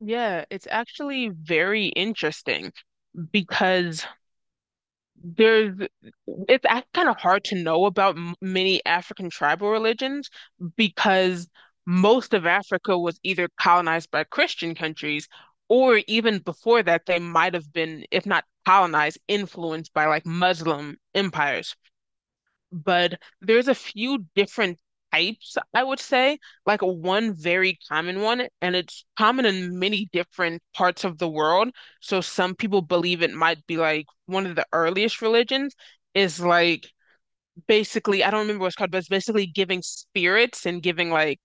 Yeah, it's actually very interesting because there's it's kind of hard to know about many African tribal religions because most of Africa was either colonized by Christian countries, or even before that they might have been, if not colonized, influenced by like Muslim empires. But there's a few different types, I would say. Like one very common one, and it's common in many different parts of the world. So some people believe it might be like one of the earliest religions is like, basically, I don't remember what it's called, but it's basically giving spirits and giving like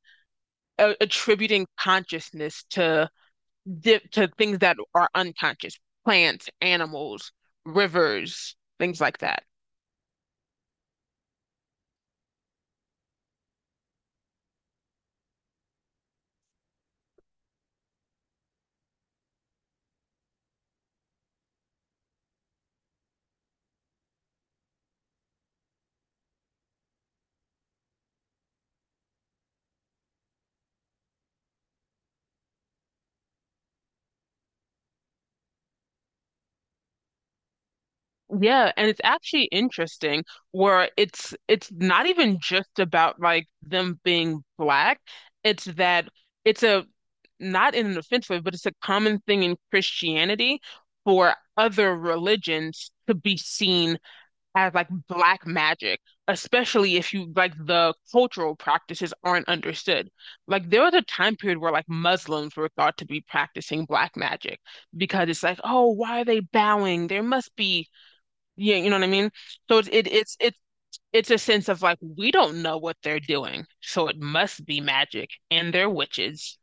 a attributing consciousness to di to things that are unconscious, plants, animals, rivers, things like that. Yeah, and it's actually interesting where it's not even just about like them being black. It's that it's a, not in an offensive way, but it's a common thing in Christianity for other religions to be seen as like black magic, especially if you like the cultural practices aren't understood. Like there was a time period where like Muslims were thought to be practicing black magic because it's like, oh, why are they bowing? There must be, yeah, you know what I mean? So it's it's a sense of like we don't know what they're doing, so it must be magic, and they're witches.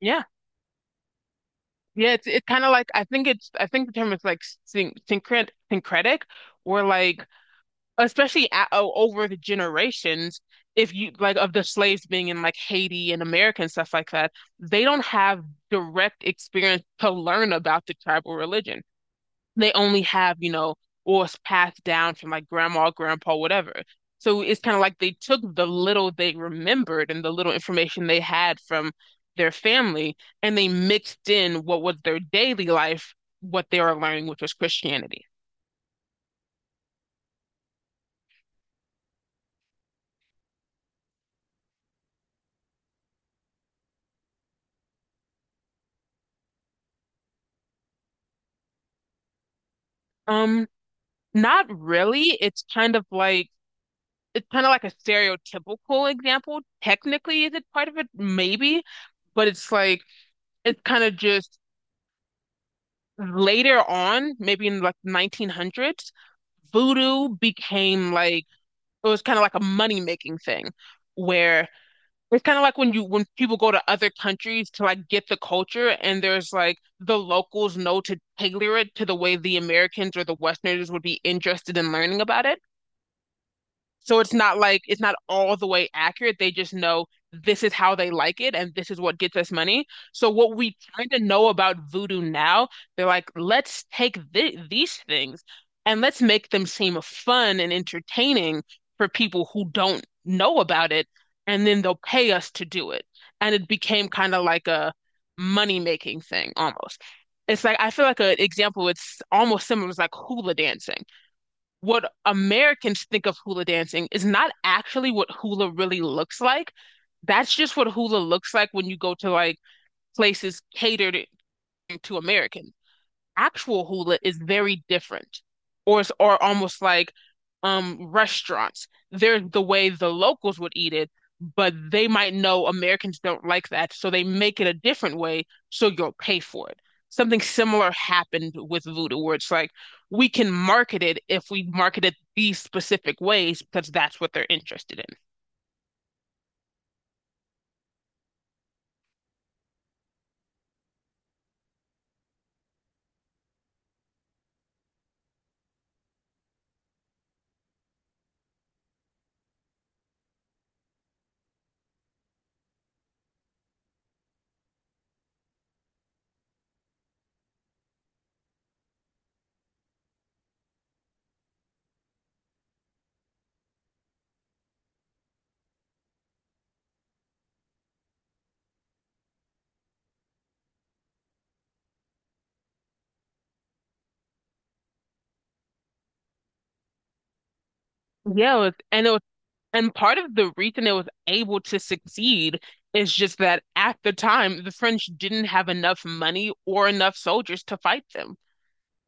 Yeah, yeah. It's kind of like, I think it's, I think the term is like syncretic, or like, especially over the generations, if you like of the slaves being in like Haiti and America and stuff like that, they don't have direct experience to learn about the tribal religion. They only have, you know, or it's passed down from like grandma, grandpa, whatever. So it's kind of like they took the little they remembered and the little information they had from their family and they mixed in what was their daily life, what they were learning, which was Christianity. Um, not really. It's kind of like a stereotypical example. Technically, is it part of it? Maybe, but it's like it's kind of just later on, maybe in like 1900s voodoo became like it was kind of like a money making thing, where it's kind of like when you when people go to other countries to like get the culture and there's like the locals know to tailor it to the way the Americans or the Westerners would be interested in learning about it. So it's not like it's not all the way accurate. They just know this is how they like it and this is what gets us money. So what we kind of know about voodoo now, they're like, let's take th these things and let's make them seem fun and entertaining for people who don't know about it, and then they'll pay us to do it. And it became kind of like a money-making thing almost. It's like I feel like an example it's almost similar is like hula dancing. What Americans think of hula dancing is not actually what hula really looks like. That's just what hula looks like when you go to like places catered to Americans. Actual hula is very different, or it's, or almost like, restaurants. There's the way the locals would eat it, but they might know Americans don't like that, so they make it a different way, so you'll pay for it. Something similar happened with voodoo, where it's like we can market it if we market it these specific ways because that's what they're interested in. And it was, and part of the reason it was able to succeed is just that at the time, the French didn't have enough money or enough soldiers to fight them.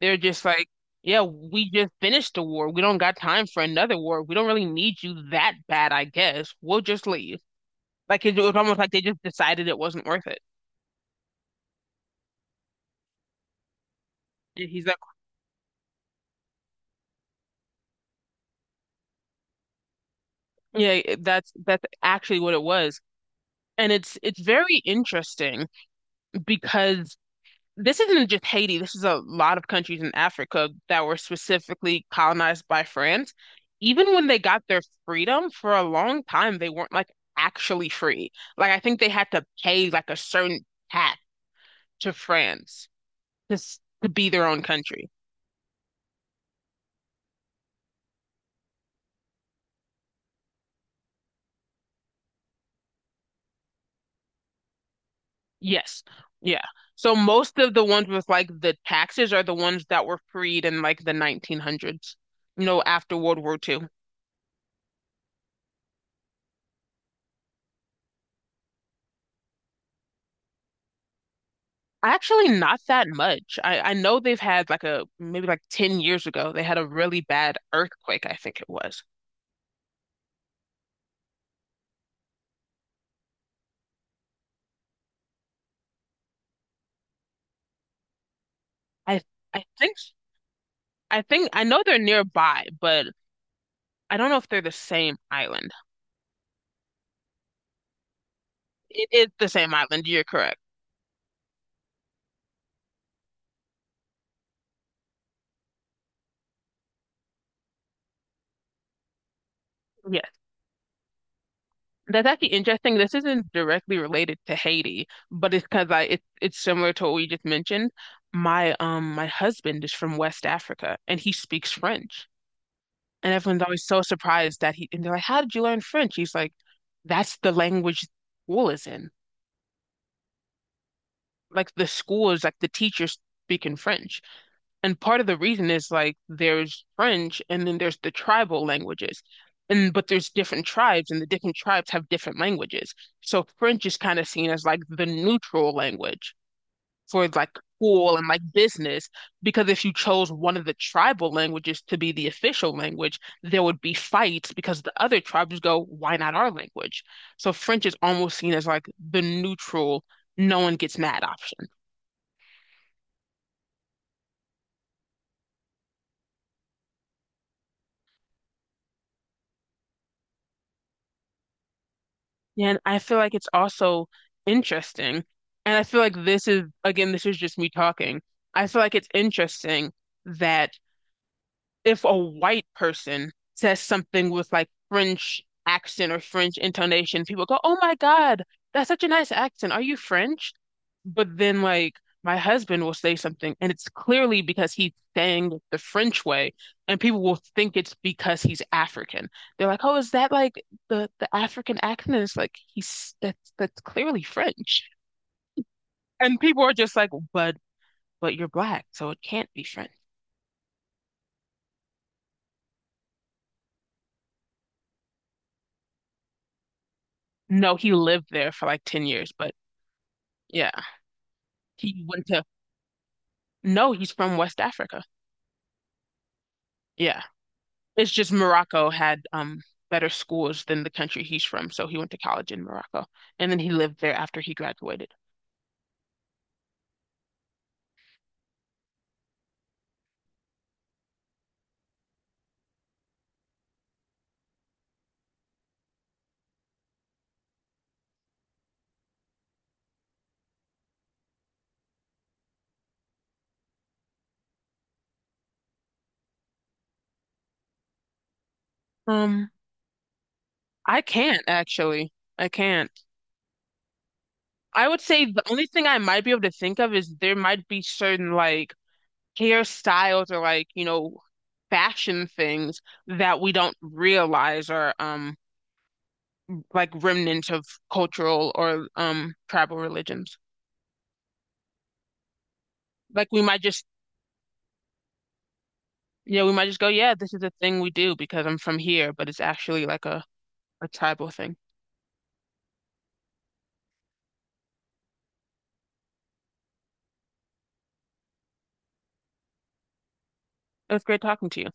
They're just like, yeah, we just finished the war. We don't got time for another war. We don't really need you that bad, I guess. We'll just leave. Like it was almost like they just decided it wasn't worth it. And he's like, yeah, that's actually what it was. And it's very interesting because this isn't just Haiti. This is a lot of countries in Africa that were specifically colonized by France. Even when they got their freedom for a long time, they weren't like actually free. Like I think they had to pay like a certain tax to France to to be their own country. Yes. Yeah. So most of the ones with like the taxes are the ones that were freed in like the 1900s, you know, after World War Two. Actually, not that much. I know they've had like a, maybe like 10 years ago, they had a really bad earthquake, I think it was. I I think I think I know they're nearby, but I don't know if they're the same island. It is the same island, you're correct. Yes. That's actually interesting. This isn't directly related to Haiti, but it's because it's similar to what we just mentioned. My my husband is from West Africa and he speaks French. And everyone's always so surprised that he, and they're like, "How did you learn French?" He's like, "That's the language school is in." Like, the school is like the teachers speaking French. And part of the reason is like there's French and then there's the tribal languages. And but there's different tribes, and the different tribes have different languages. So French is kind of seen as like the neutral language, for like school and like business, because if you chose one of the tribal languages to be the official language, there would be fights because the other tribes go, why not our language? So French is almost seen as like the neutral, no one gets mad option. Yeah, and I feel like it's also interesting. And I feel like this is, again, this is just me talking. I feel like it's interesting that if a white person says something with like French accent or French intonation, people go, "Oh my God, that's such a nice accent. Are you French?" But then like my husband will say something and it's clearly because he's saying it the French way and people will think it's because he's African. They're like, "Oh, is that like the African accent?" And it's like he's that's clearly French. And people are just like, "But you're black, so it can't be French." No, he lived there for like 10 years, but yeah. He went to, no, he's from West Africa. Yeah. It's just Morocco had better schools than the country he's from, so he went to college in Morocco. And then he lived there after he graduated. Um, I can't actually. I can't. I would say the only thing I might be able to think of is there might be certain like hairstyles or like, you know, fashion things that we don't realize are like remnants of cultural or tribal religions. Like we might just yeah, we might just go, yeah, this is a thing we do because I'm from here, but it's actually like a tribal thing. It was great talking to you.